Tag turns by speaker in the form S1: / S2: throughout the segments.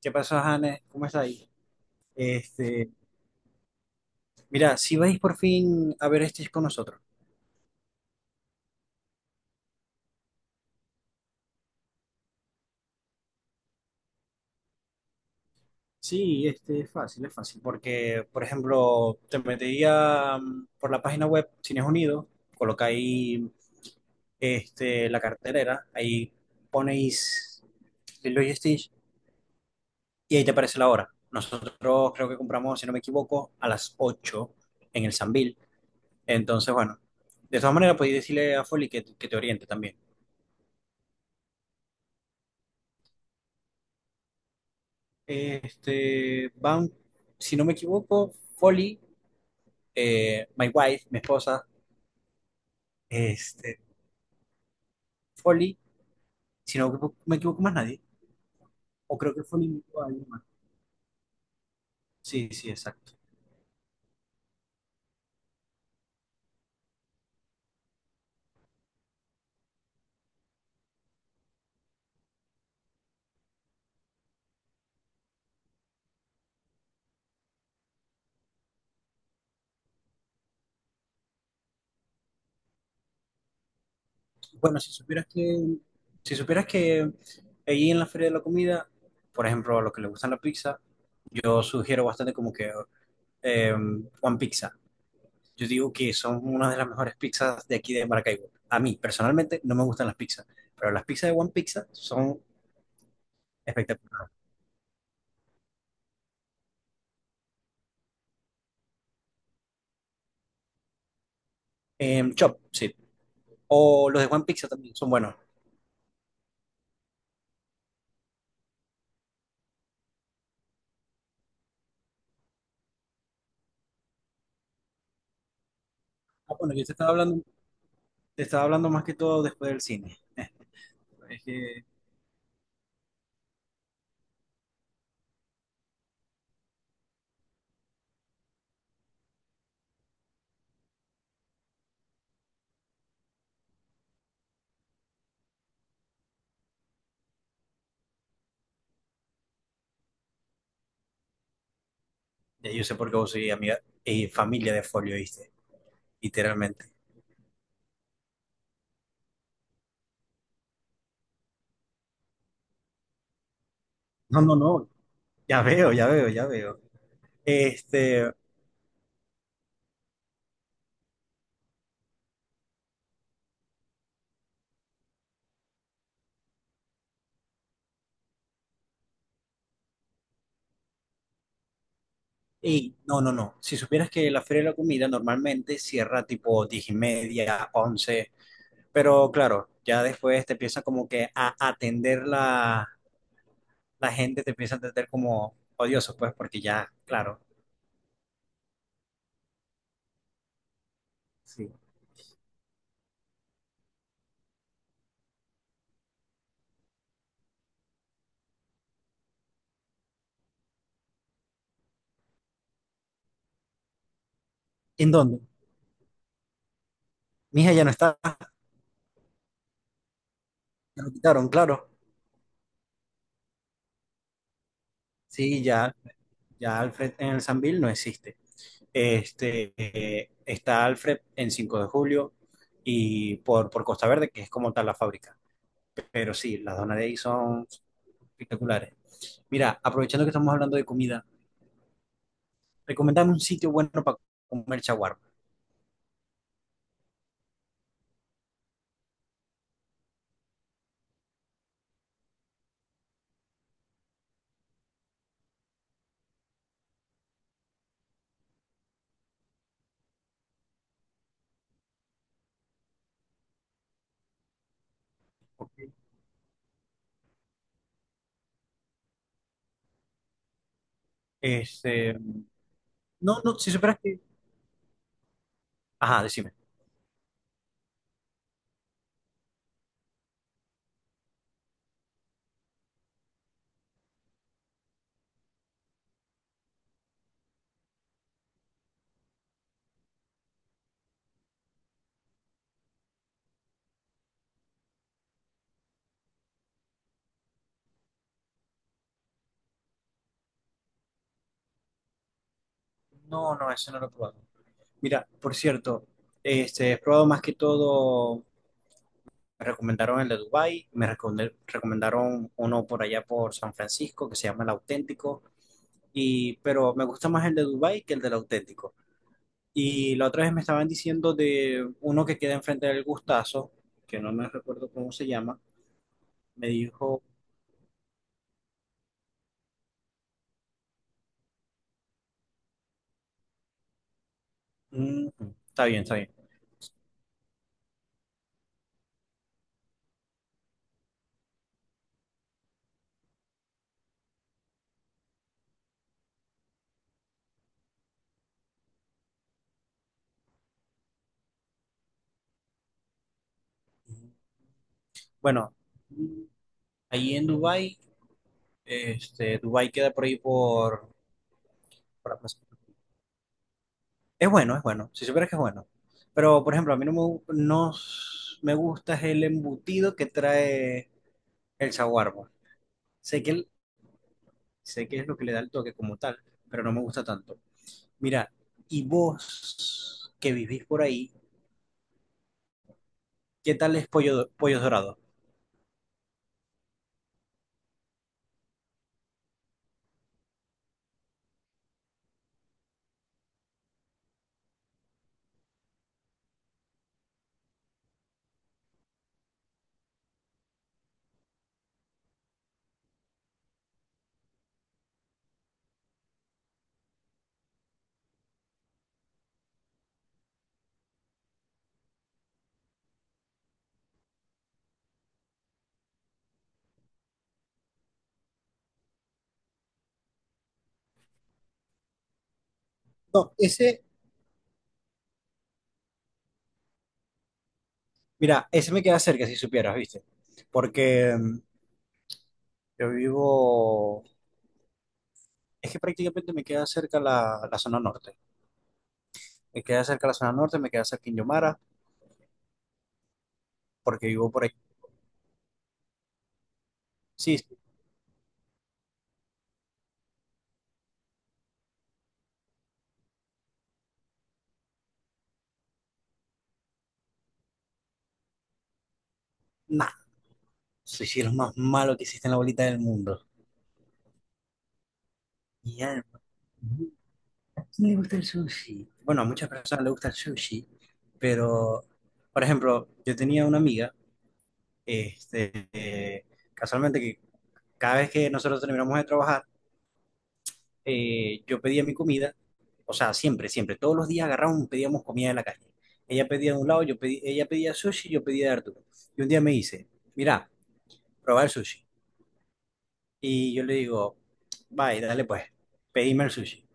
S1: ¿Qué pasó, Hannes? ¿Cómo está ahí? Este, Mira, si vais por fin a ver este con nosotros. Sí, este es fácil, es fácil, porque, por ejemplo, te metería por la página web Cines Unidos, colocáis, la cartelera, ahí ponéis Lilo y Stitch, y ahí te aparece la hora. Nosotros creo que compramos, si no me equivoco, a las 8 en el Sambil. Entonces, bueno, de todas maneras podéis decirle a Folly que te oriente también. Van, si no me equivoco, Folly, my wife, mi esposa, este, Folly, si no me equivoco más nadie, o creo que Folly me equivoco a alguien más. Sí, sí, exacto. Bueno, si supieras que ahí en la feria de la comida, por ejemplo, a los que les gustan la pizza, yo sugiero bastante como que eh, One Pizza. Yo digo que son una de las mejores pizzas de aquí de Maracaibo. A mí, personalmente, no me gustan las pizzas, pero las pizzas de One Pizza son espectaculares. Chop, sí. O los de One Pizza también son buenos. Ah, bueno, yo te estaba hablando más que todo después del cine. Es que ya yo sé por qué vos sois amiga y familia de Folio, ¿viste? Literalmente. No, no, no. Ya veo, ya veo, ya veo. Este, no, no, no. Si supieras que la Feria de la Comida normalmente cierra tipo 10:30, 11, pero claro, ya después te empiezan como que a atender la, la gente, te empieza a atender como odioso, pues, porque ya, claro. Sí. ¿En dónde? Mija ya no está, ya lo quitaron, claro. Sí, ya, ya Alfred en el Sambil no existe. Está Alfred en 5 de Julio y por Costa Verde, que es como tal la fábrica. Pero sí, las donas de ahí son espectaculares. Mira, aprovechando que estamos hablando de comida, recomendame un sitio bueno para comer chaguarma. ¿Ok? Este, no, no, si supieras que... Ajá, decime. No, no, eso no lo he probado. Mira, por cierto, he probado más que todo. Me recomendaron el de Dubái, recomendaron uno por allá por San Francisco que se llama El Auténtico, y, pero me gusta más el de Dubái que el del Auténtico. Y la otra vez me estaban diciendo de uno que queda enfrente del Gustazo, que no me recuerdo cómo se llama, me dijo: "Mm, está bien, está bien. Bueno, mm, ahí en Dubái, Dubái queda por ahí por la plaza. Es bueno, es bueno. Si supieras que es bueno. Pero, por ejemplo, a mí no me, gu- no s- me gusta es el embutido que trae el saguarbo. Sé que, el- Sé que es lo que le da el toque como tal, pero no me gusta tanto. Mira, y vos que vivís por ahí, ¿qué tal es pollo, pollos dorados? No, ese, mira, ese me queda cerca si supieras, ¿viste? Porque yo vivo, es que prácticamente me queda cerca la zona norte. Me queda cerca la zona norte, me queda cerca Quindío Mara, porque vivo por ahí. Sí, sí. Nah, sushi es lo más malo que existe en la bolita del mundo. Y a mí me gusta el sushi. Bueno, a muchas personas le gusta el sushi, pero, por ejemplo, yo tenía una amiga, este, eh, casualmente que cada vez que nosotros terminamos de trabajar, yo pedía mi comida, o sea, siempre, siempre, todos los días agarrábamos y pedíamos comida de la calle. Ella pedía de un lado, yo pedí, ella pedía sushi, yo pedía de Arturo. Y un día me dice, mira, probar el sushi. Y yo le digo, vaya, dale pues, pedime el sushi.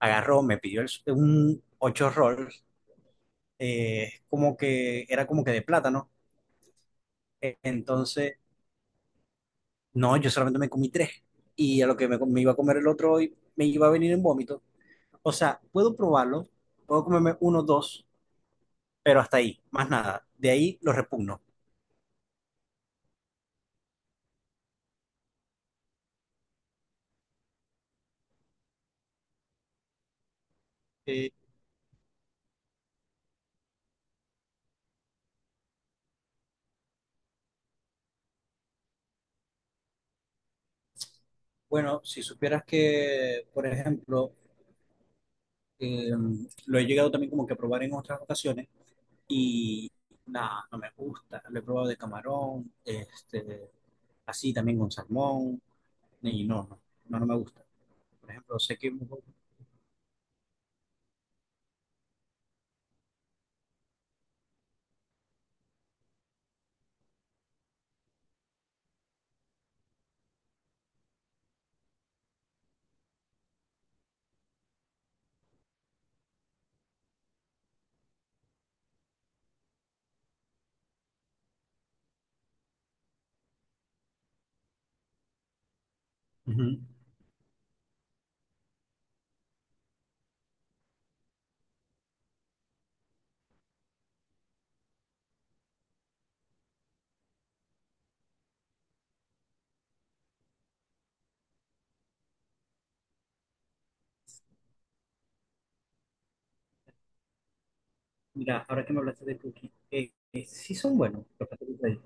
S1: Agarró, un 8 rolls, como que era como que de plátano. Entonces, no, yo solamente me comí tres. Y a lo que me iba a comer el otro hoy, me iba a venir en vómito. O sea, puedo probarlo, puedo comerme uno, dos, pero hasta ahí, más nada. De ahí lo repugno. Eh, bueno, si supieras que, por ejemplo, eh, lo he llegado también como que a probar en otras ocasiones. Y nada, no me gusta. Lo he probado de camarón, así también con salmón. Y no, no, no, no me gusta. Por ejemplo, sé que... Ujú. Mira, ahora que me hablaste de cookies, sí son buenos los pasteles de ahí.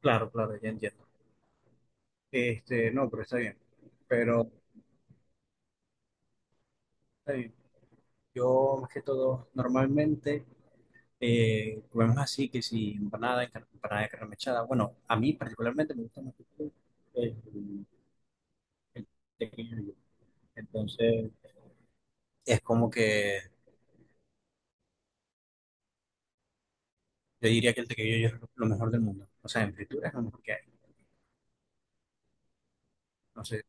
S1: Claro, claro, ya entiendo. No, pero está bien. Pero está bien. Yo, más que todo, normalmente comemos así, que si empanada, empanada de carne mechada. Bueno, a mí particularmente me gusta más el, el tequillo. Entonces, es como que yo diría que el tequillo es lo mejor del mundo. O sea, en fritura es lo mejor que hay. No sé.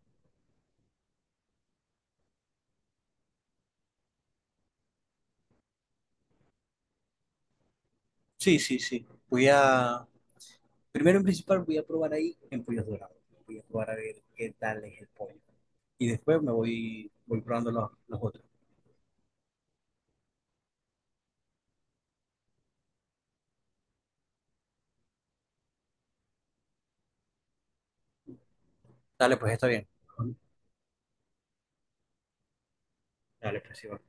S1: Sí, sí, sí. Voy a, primero en principal voy a probar ahí en pollos dorados. Voy a probar a ver qué tal es el pollo. Y después me voy, voy probando los otros. Dale, pues está bien. Dale, pues sí, va.